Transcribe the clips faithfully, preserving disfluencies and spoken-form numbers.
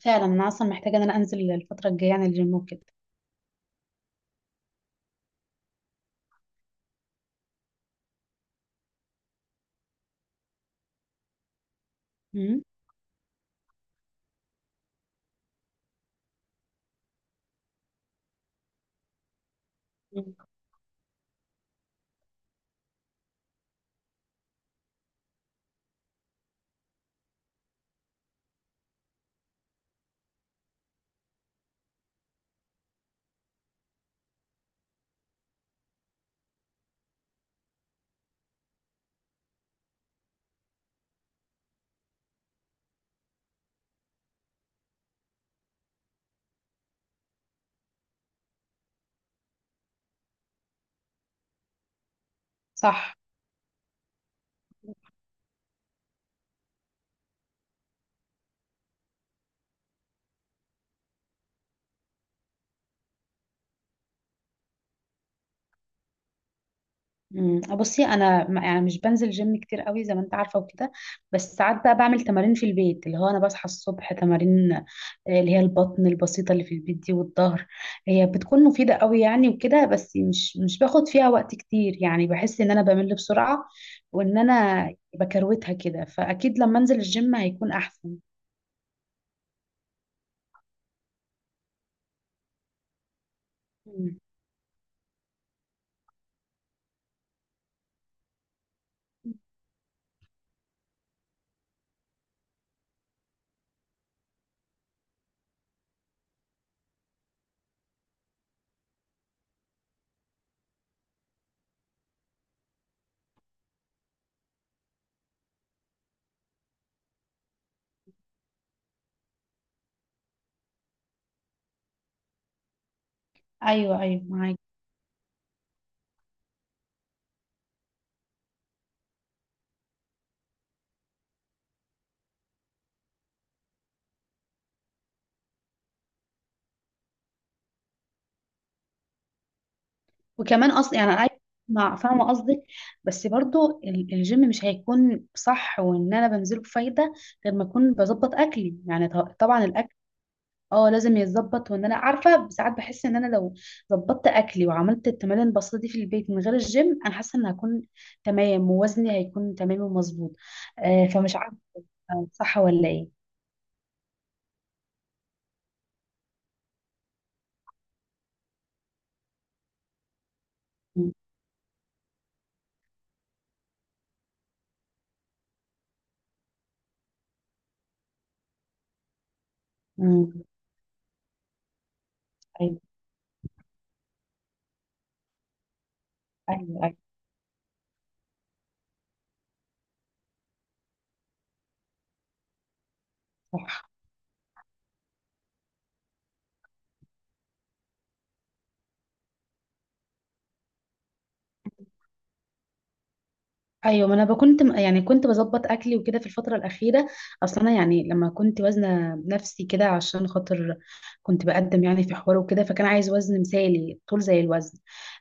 فعلا انا اصلا محتاجه ان انا انزل الفتره الجايه، يعني الجيم وكده. امم. مم. صح. امم بصي انا ما- يعني مش بنزل جيم كتير قوي، زي ما انت عارفه وكده. بس ساعات بقى بعمل تمارين في البيت، اللي هو انا بصحى الصبح تمارين. آه، اللي هي البطن البسيطه اللي في البيت دي والظهر، هي بتكون مفيده قوي يعني وكده. بس مش مش باخد فيها وقت كتير، يعني بحس ان انا بمل بسرعه وان انا بكروتها كده. فاكيد لما انزل الجيم هيكون احسن. مم. ايوه، ايوه معاكي. وكمان اصلا يعني انا عايزه اسمع، فاهمه قصدك. بس برضو ال- الجيم مش هيكون صح وان انا بنزله بفايده غير ما اكون بظبط اكلي. يعني ط- طبعا الاكل اه لازم يتظبط. وان انا عارفه ساعات بحس ان انا لو ظبطت اكلي وعملت التمارين البسيطه دي في البيت من غير الجيم، انا حاسه ان هكون تمام ووزني هيكون تمام ومظبوط. آه فمش عارفه، صح ولا ايه؟ م- م- ايوه، ايوه، ايوه، صح. ايوه، ما انا ب- كنت م- يعني كنت بظبط اكلي وكده في الفتره الاخيره. اصلا انا يعني لما كنت وزنه نفسي كده، عشان خاطر كنت بقدم يعني في حوار وكده، فكان عايز وزن مثالي طول زي الوزن.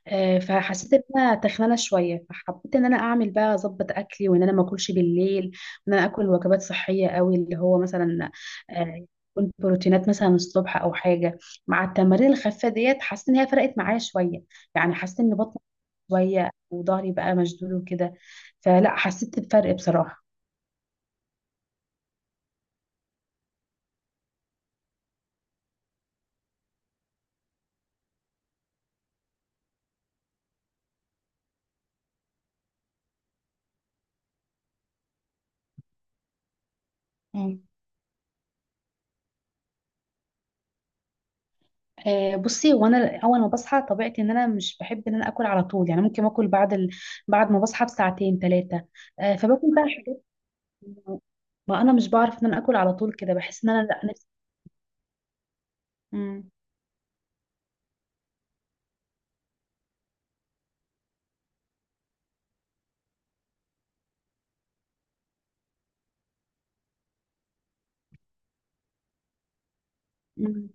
آه، فحسيت ان انا تخنانه شويه، فحبيت ان انا اعمل بقى اظبط اكلي وان انا ما اكلش بالليل. وان انا اكل وجبات صحيه قوي، اللي هو مثلا آه، يكون بروتينات مثلا الصبح او حاجه. مع التمارين الخفيفه ديت حسيت ان هي فرقت معايا شويه، يعني حسيت ان بطني شويه وظهري بقى مشدود وكده. فلا حسيت بفرق بصراحة. مم. آه، بصي وانا اول ما بصحى طبيعتي ان انا مش بحب ان انا اكل على طول، يعني ممكن اكل بعد ال... بعد ما بصحى بساعتين ثلاثه. آه، فباكل بقى حاجات. ما انا مش بعرف ان انا اكل على طول كده، بحس ان انا لا نفسي. مم. مم.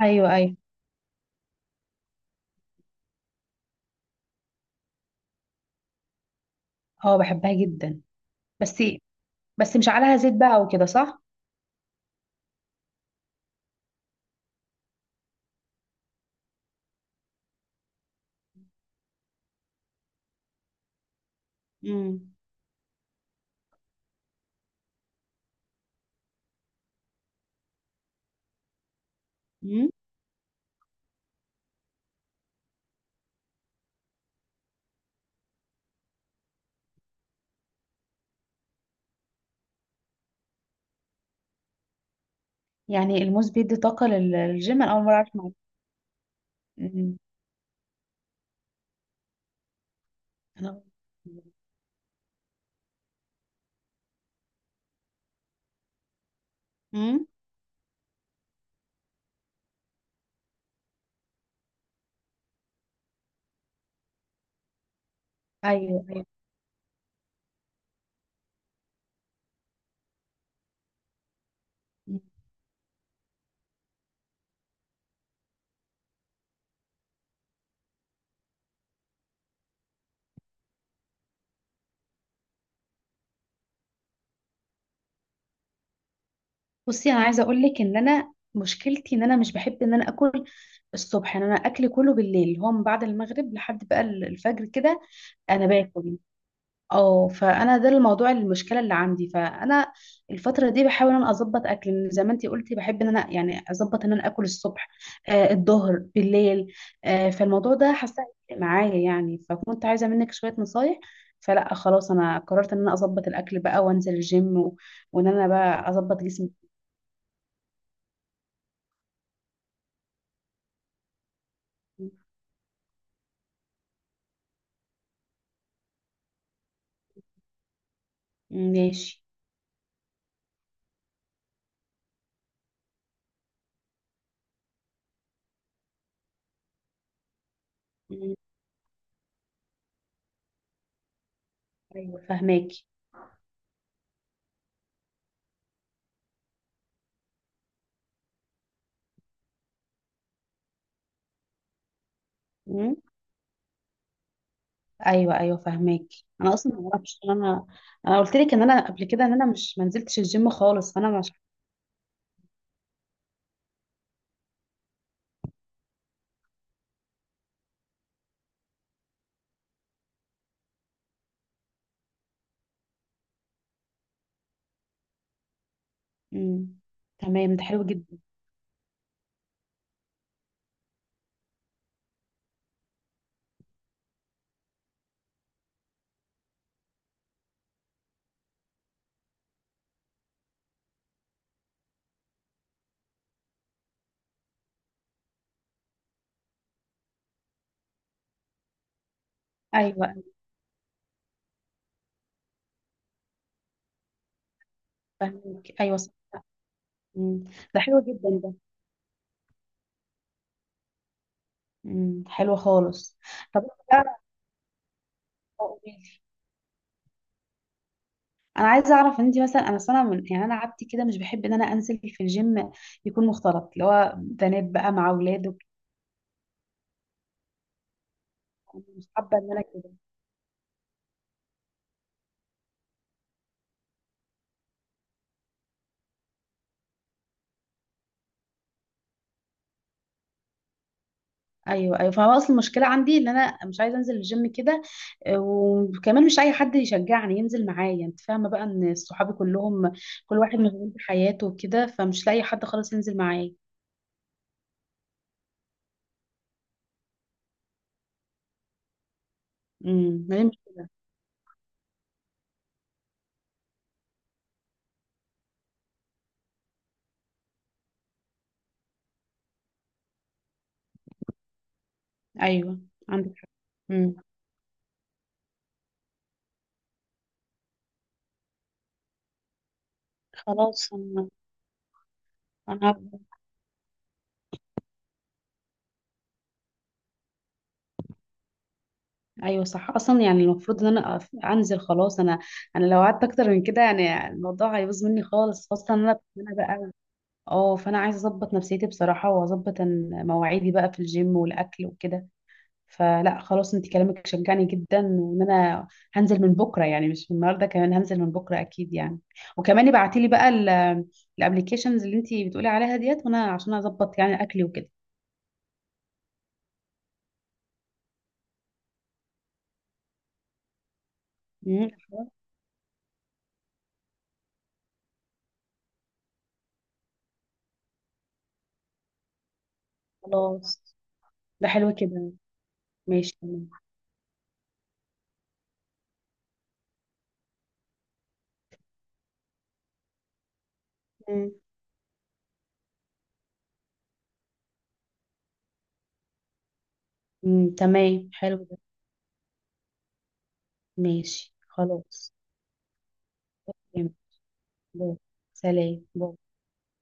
ايوه، ايوه. اه بحبها جدا. بس بس مش عليها زيت بقى وكده، صح؟ مم. مم. يعني الموز بيدي طاقه لل- للجيم؟ انا اول مره اعرف معلومة. مم. انا. مم. ايوه، ايوه. بصي انا عايزه اقول لك ان انا مشكلتي ان انا مش بحب ان انا اكل الصبح. يعني انا اكلي كله بالليل، اللي هو من بعد المغرب لحد بقى ال- الفجر كده. انا باكل اه. فانا ده الموضوع المشكله اللي عندي. فانا الفتره دي بحاول ان انا اظبط اكلي، لأن زي ما انتي قلتي بحب ان انا يعني اظبط ان انا اكل الصبح آه الظهر بالليل. آه فالموضوع ده حاسه هيفرق معايا يعني، فكنت عايزه منك شويه نصايح. فلا خلاص، انا قررت ان انا اظبط الاكل بقى وانزل الجيم و... وان انا بقى اظبط جسمي. ماشي. مم. ايوه فهماكي. مم. ايوه، ايوه فهماكي. انا اصلا ما اعرفش. انا انا قلت لك ان انا قبل كده ان انا مش ما نزلتش الجيم خالص، فانا مش. مم. تمام، ده حلو جدا. ايوه، أيوة، فهماكي، ايوه صح. مم. ده حلو جدا ده. مم. حلو خالص. طب إنت بقى، قوليلي، انا عايزه اعرف. انت مثلا انا سنه من يعني انا عادتي كده مش بحب ان انا انزل في الجيم يكون مختلط، اللي هو بنات بقى مع اولاد وكده. أنا مش حابه ان انا كده. ايوه، ايوه، فهو اصل المشكله عندي ان انا مش عايزه انزل الجيم كده. آه، وكمان مش اي حد يشجعني ينزل معايا. انت فاهمه بقى، ان صحابي كلهم كل واحد مشغول بحياته وكده، فمش لاقي حد خالص ينزل معايا. امم. بعدين- ايوه عندك حق. امم. خلاص انا. انا هبدأ. ايوه صح، اصلا يعني المفروض ان انا أف- انزل خلاص. انا انا لو قعدت اكتر من كده يعني الموضوع هيبوظ مني خالص، خاصه ان انا انا بقى اه. فانا عايزه اظبط نفسيتي بصراحه، واظبط إن- مواعيدي بقى في الجيم والاكل وكده. فلا خلاص، انت كلامك شجعني جدا، وان انا هنزل من بكره، يعني مش من النهارده، كمان هنزل من بكره اكيد يعني. وكمان ابعتي لي بقى الابلكيشنز اللي انت بتقولي عليها ديت، وانا عشان اظبط يعني اكلي وكده. مم. خلاص، ده حلو كده. ماشي تمام. مم. مم، تمام حلو ده. ماشي خلاص. تمام. باي. سلام باي.